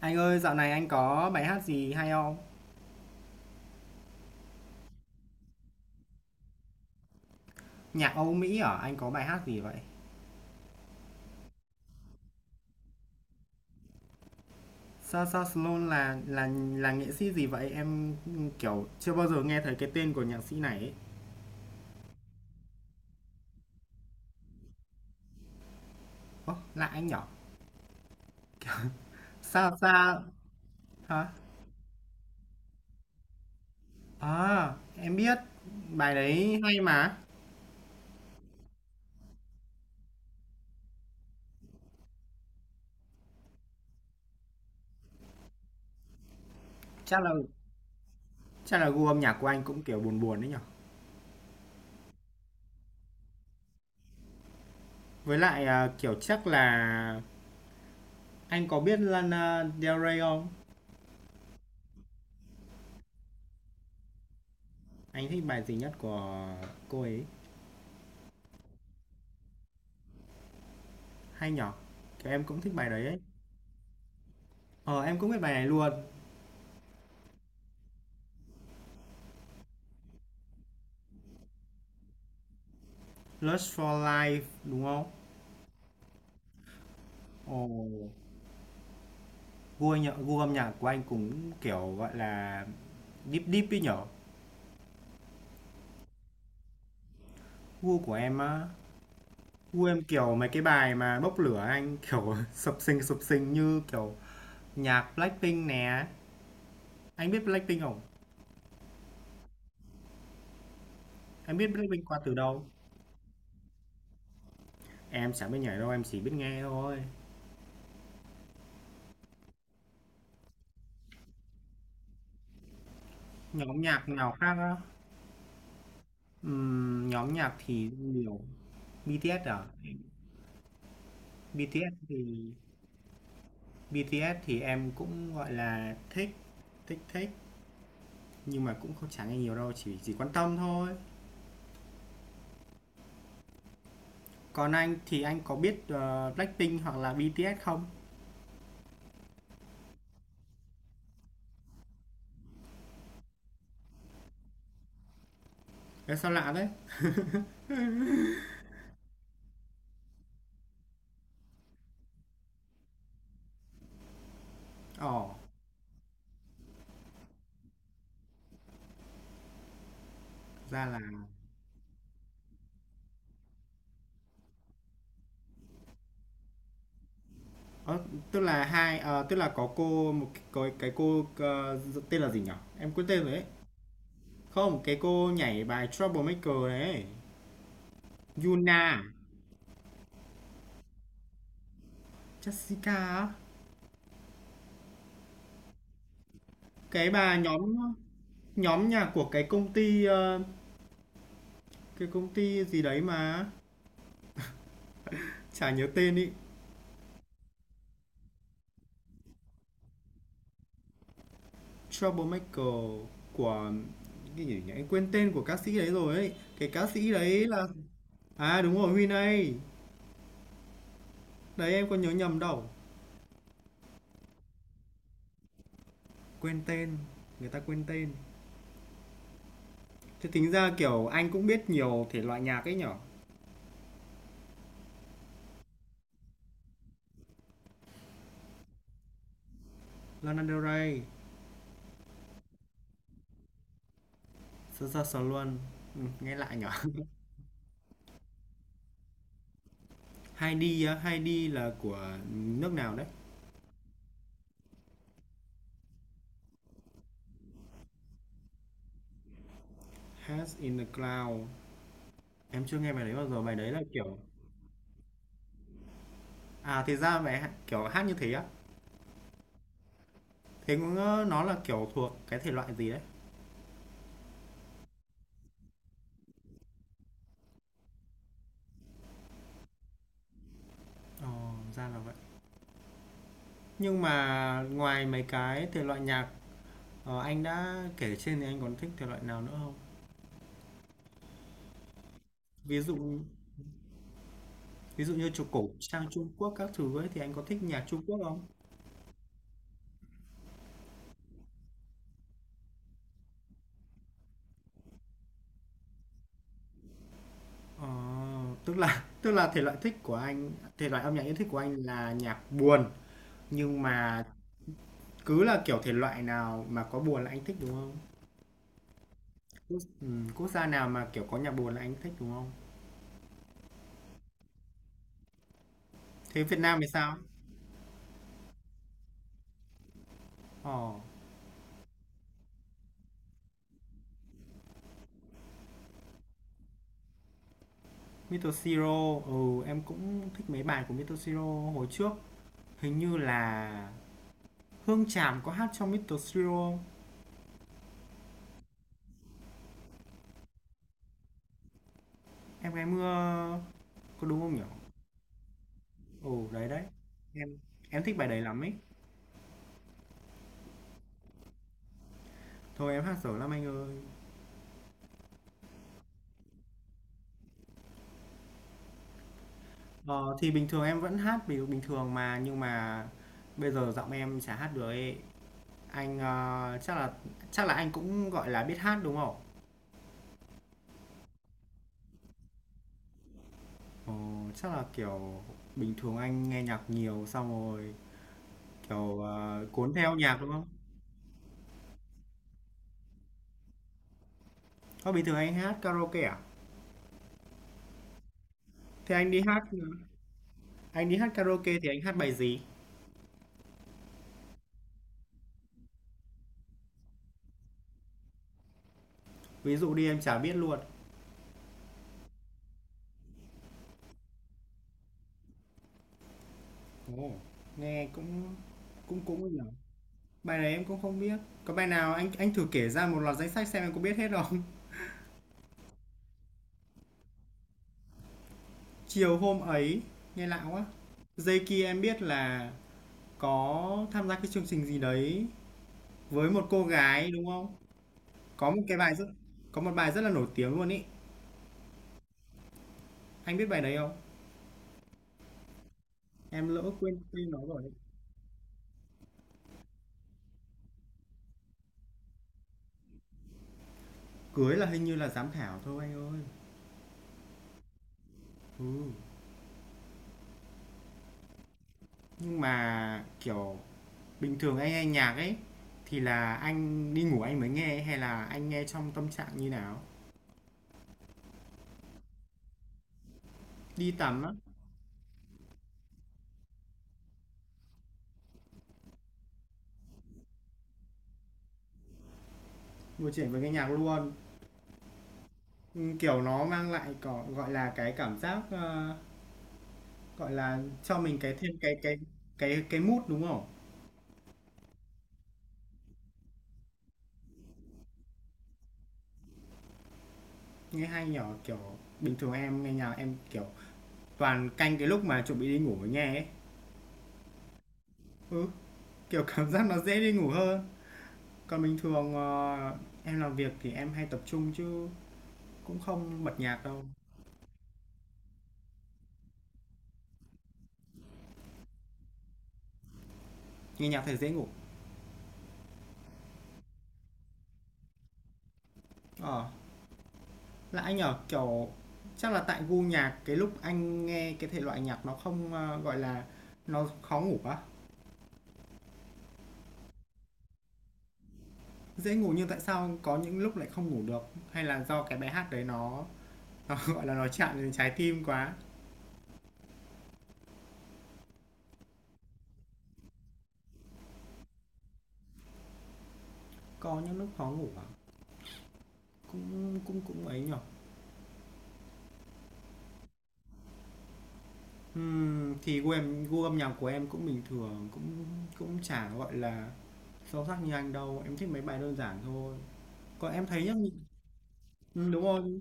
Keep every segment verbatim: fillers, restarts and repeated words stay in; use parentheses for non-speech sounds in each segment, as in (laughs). Anh ơi, dạo này anh có bài hát gì hay không? Nhạc Âu Mỹ hả? Anh có bài hát gì vậy? Sasha Sloan là là là nghệ sĩ gì vậy? Em kiểu chưa bao giờ nghe thấy cái tên của nhạc sĩ này ấy. Ố, lạ anh nhỉ? Sasha hả? À, em biết bài đấy hay mà. Chắc là chắc là gu âm nhạc của anh cũng kiểu buồn buồn đấy nhở? Với lại à, kiểu chắc là anh có biết Lana Del Rey không? Anh thích bài gì nhất của cô ấy? Hay nhở? Kiểu em cũng thích bài đấy ấy. Ờ, em cũng biết bài này luôn. Lust for Life đúng không? Ồ, gu nhạc, gu âm nhạc của anh cũng kiểu gọi là deep deep ấy nhở. Gu của em á, gu em kiểu mấy cái bài mà bốc lửa anh kiểu (laughs) sập sình sập sình như kiểu nhạc Blackpink nè. Anh biết Blackpink không? Em biết Blackpink qua từ đâu? Em chẳng biết nhảy đâu, em chỉ biết nghe thôi. Nhóm nhạc nào khác á? Ừm, nhóm nhạc thì nhiều. bê tê ét à? bê tê ét thì bê tê ét thì em cũng, gọi là, thích, thích thích, nhưng mà cũng không chả nghe nhiều đâu, chỉ chỉ quan tâm thôi. Còn anh thì anh có biết, ờ, Blackpink hoặc là bi ti ét không? Ê, sao lạ đấy. Ồ, ra là ơ, tức là hai ờ, tức là có cô một cái có cái cô, ờ, tên là gì nhỉ? Em quên tên rồi ấy. Không, cái cô nhảy bài Troublemaker đấy, Yuna à? Jessica á? Cái bà nhóm nhóm nhạc của cái công ty, ờ, cái công ty gì đấy mà, chả nhớ tên ý. Troublemaker của cái gì nhỉ? Em quên tên của ca sĩ đấy rồi ấy. Cái ca sĩ đấy là à đúng rồi, Huy này. Đấy em có nhớ nhầm đâu. Quên tên, người ta quên tên. Thế tính ra kiểu anh cũng biết nhiều thể loại nhạc ấy nhở. Lana Del Rey, Saoirse Ronan. Ừ, nghe lại nhở. (laughs) Heidi á, Heidi là của nước nào đấy? Heads in the Cloud. Em chưa nghe bài đấy bao giờ. Bài đấy là kiểu à thì ra bài hát- kiểu hát như thế á. Thế cũng ờ, nó là kiểu thuộc cái thể loại gì đấy? Ồ, ra là nhưng mà ngoài mấy cái thể loại nhạc, ờ, anh đã kể trên thì anh còn thích thể loại nào nữa không? Ví dụ Ví dụ như trù cổ sang Trung Quốc các thứ ấy thì anh có thích nhạc Trung Quốc không? Ờ, tức là (laughs) tức là thể loại thích của anh, thể loại âm nhạc yêu thích của anh là nhạc buồn, nhưng mà cứ là kiểu thể loại nào mà có buồn là anh thích đúng không? Quốc, ừ, quốc gia nào mà kiểu có nhạc buồn là anh thích đúng không? Thế Việt Nam thì sao? Ờ, mít-tơ Siro, ừ, em cũng thích mấy bài của mít-tơ Siro hồi trước. Hình như là Hương Tràm có hát trong mít-tơ Siro. Em gái mưa có đúng không nhỉ? Ồ đấy đấy. Em em thích bài đấy lắm ấy. Thôi em hát dở lắm anh ơi. Ờ, thì bình thường em vẫn hát bình bình thường mà nhưng mà bây giờ giọng em chả hát được ấy. Anh ờ, chắc là chắc là anh cũng gọi là biết hát đúng không? Ồ, chắc là kiểu bình thường anh nghe nhạc nhiều xong rồi kiểu ờ, cuốn theo nhạc đúng không? Có bình thường anh hát karaoke à? Thế anh đi hát. Anh đi hát karaoke thì anh hát bài gì? Ví dụ đi em chả biết luôn. Ồ, nghe cũng cũng cũng ấy nhỉ. Bài này em cũng không biết. Có bài nào anh anh thử kể ra một loạt danh sách xem em có biết hết không? (laughs) Chiều hôm ấy, nghe lạ quá. Dây kia em biết là có tham gia cái chương trình gì đấy với một cô gái đúng không? Có một cái bài rất có một bài rất là nổi tiếng luôn ý. Anh biết bài đấy không? Em lỡ quên tên nó rồi. Cưới là hình như là giám khảo thôi anh ơi. Ừ. Nhưng mà kiểu bình thường anh nghe nhạc ấy thì là anh đi ngủ anh mới nghe hay là anh nghe trong tâm trạng như nào? Đi tắm á, ngồi chuyện với nghe nhạc luôn. Ừ, kiểu nó mang lại có gọi là cái cảm giác ờ, gọi là cho mình cái thêm cái cái cái cái mood đúng không? Nghe hay nhỏ kiểu bình thường em nghe nhạc em kiểu toàn canh cái lúc mà chuẩn bị đi ngủ mới nghe ấy. Ừ, kiểu cảm giác nó dễ đi ngủ hơn. Còn bình thường ờ, em làm việc thì em hay tập trung chứ cũng không bật nhạc đâu. Nghe nhạc thì dễ ngủ. Ờ. Là anh ở, kiểu, chắc là tại gu nhạc cái lúc anh nghe cái thể loại nhạc nó không, a, gọi là, nó khó ngủ quá. Dễ ngủ nhưng tại sao có những lúc lại không ngủ được? Hay là do cái bài hát đấy nó nó, (laughs) gọi là, nó chạm đến trái tim quá? Có những lúc khó ngủ à? Cũng cũng cũng ấy nhỉ? Ừm, thì gu em gu âm nhạc của em cũng bình thường, cũng cũng chả, gọi là, sâu sắc như anh đâu, em thích mấy bài đơn giản thôi. Còn em thấy nhá ừm, đúng rồi,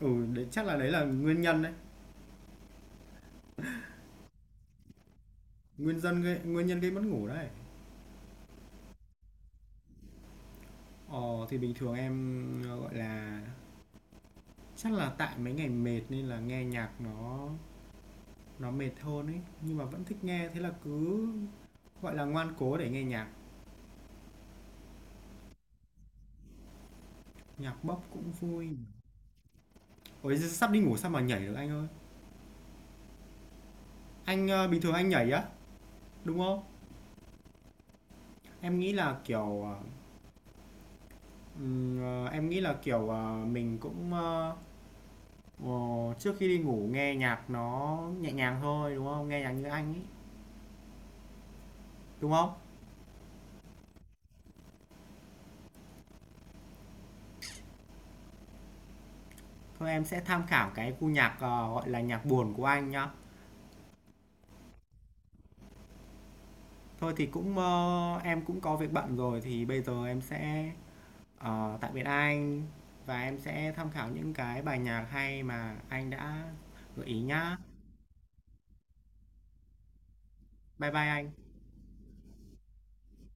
ừ, đấy chắc là đấy là nguyên nhân đấy. Nguyên dân gây, nguyên nhân gây mất ngủ đấy. Ờ thì bình thường em ờ, gọi là chắc là tại mấy ngày mệt nên là nghe nhạc nó nó mệt hơn ấy, nhưng mà vẫn thích nghe thế là cứ gọi là ngoan cố để nghe nhạc, nhạc bốc cũng vui. Ôi giời, sắp đi ngủ sao mà nhảy được anh ơi. Anh ờ, bình thường anh nhảy á, đúng không? Em nghĩ là kiểu ờ, ừm, ờ, em nghĩ là kiểu ờ, mình cũng ờ, ờ, trước khi đi ngủ nghe nhạc nó nhẹ nhàng thôi đúng không? Nghe nhạc như anh ấy, đúng không? Thôi em sẽ tham khảo cái cu nhạc, ờ, gọi là, nhạc buồn của anh nhá. Thôi thì cũng, ơ, em cũng có việc bận rồi thì bây giờ em sẽ, ờ, tạm biệt anh và em sẽ tham khảo những cái bài nhạc hay mà anh đã gợi ý nhá. Bye bye anh.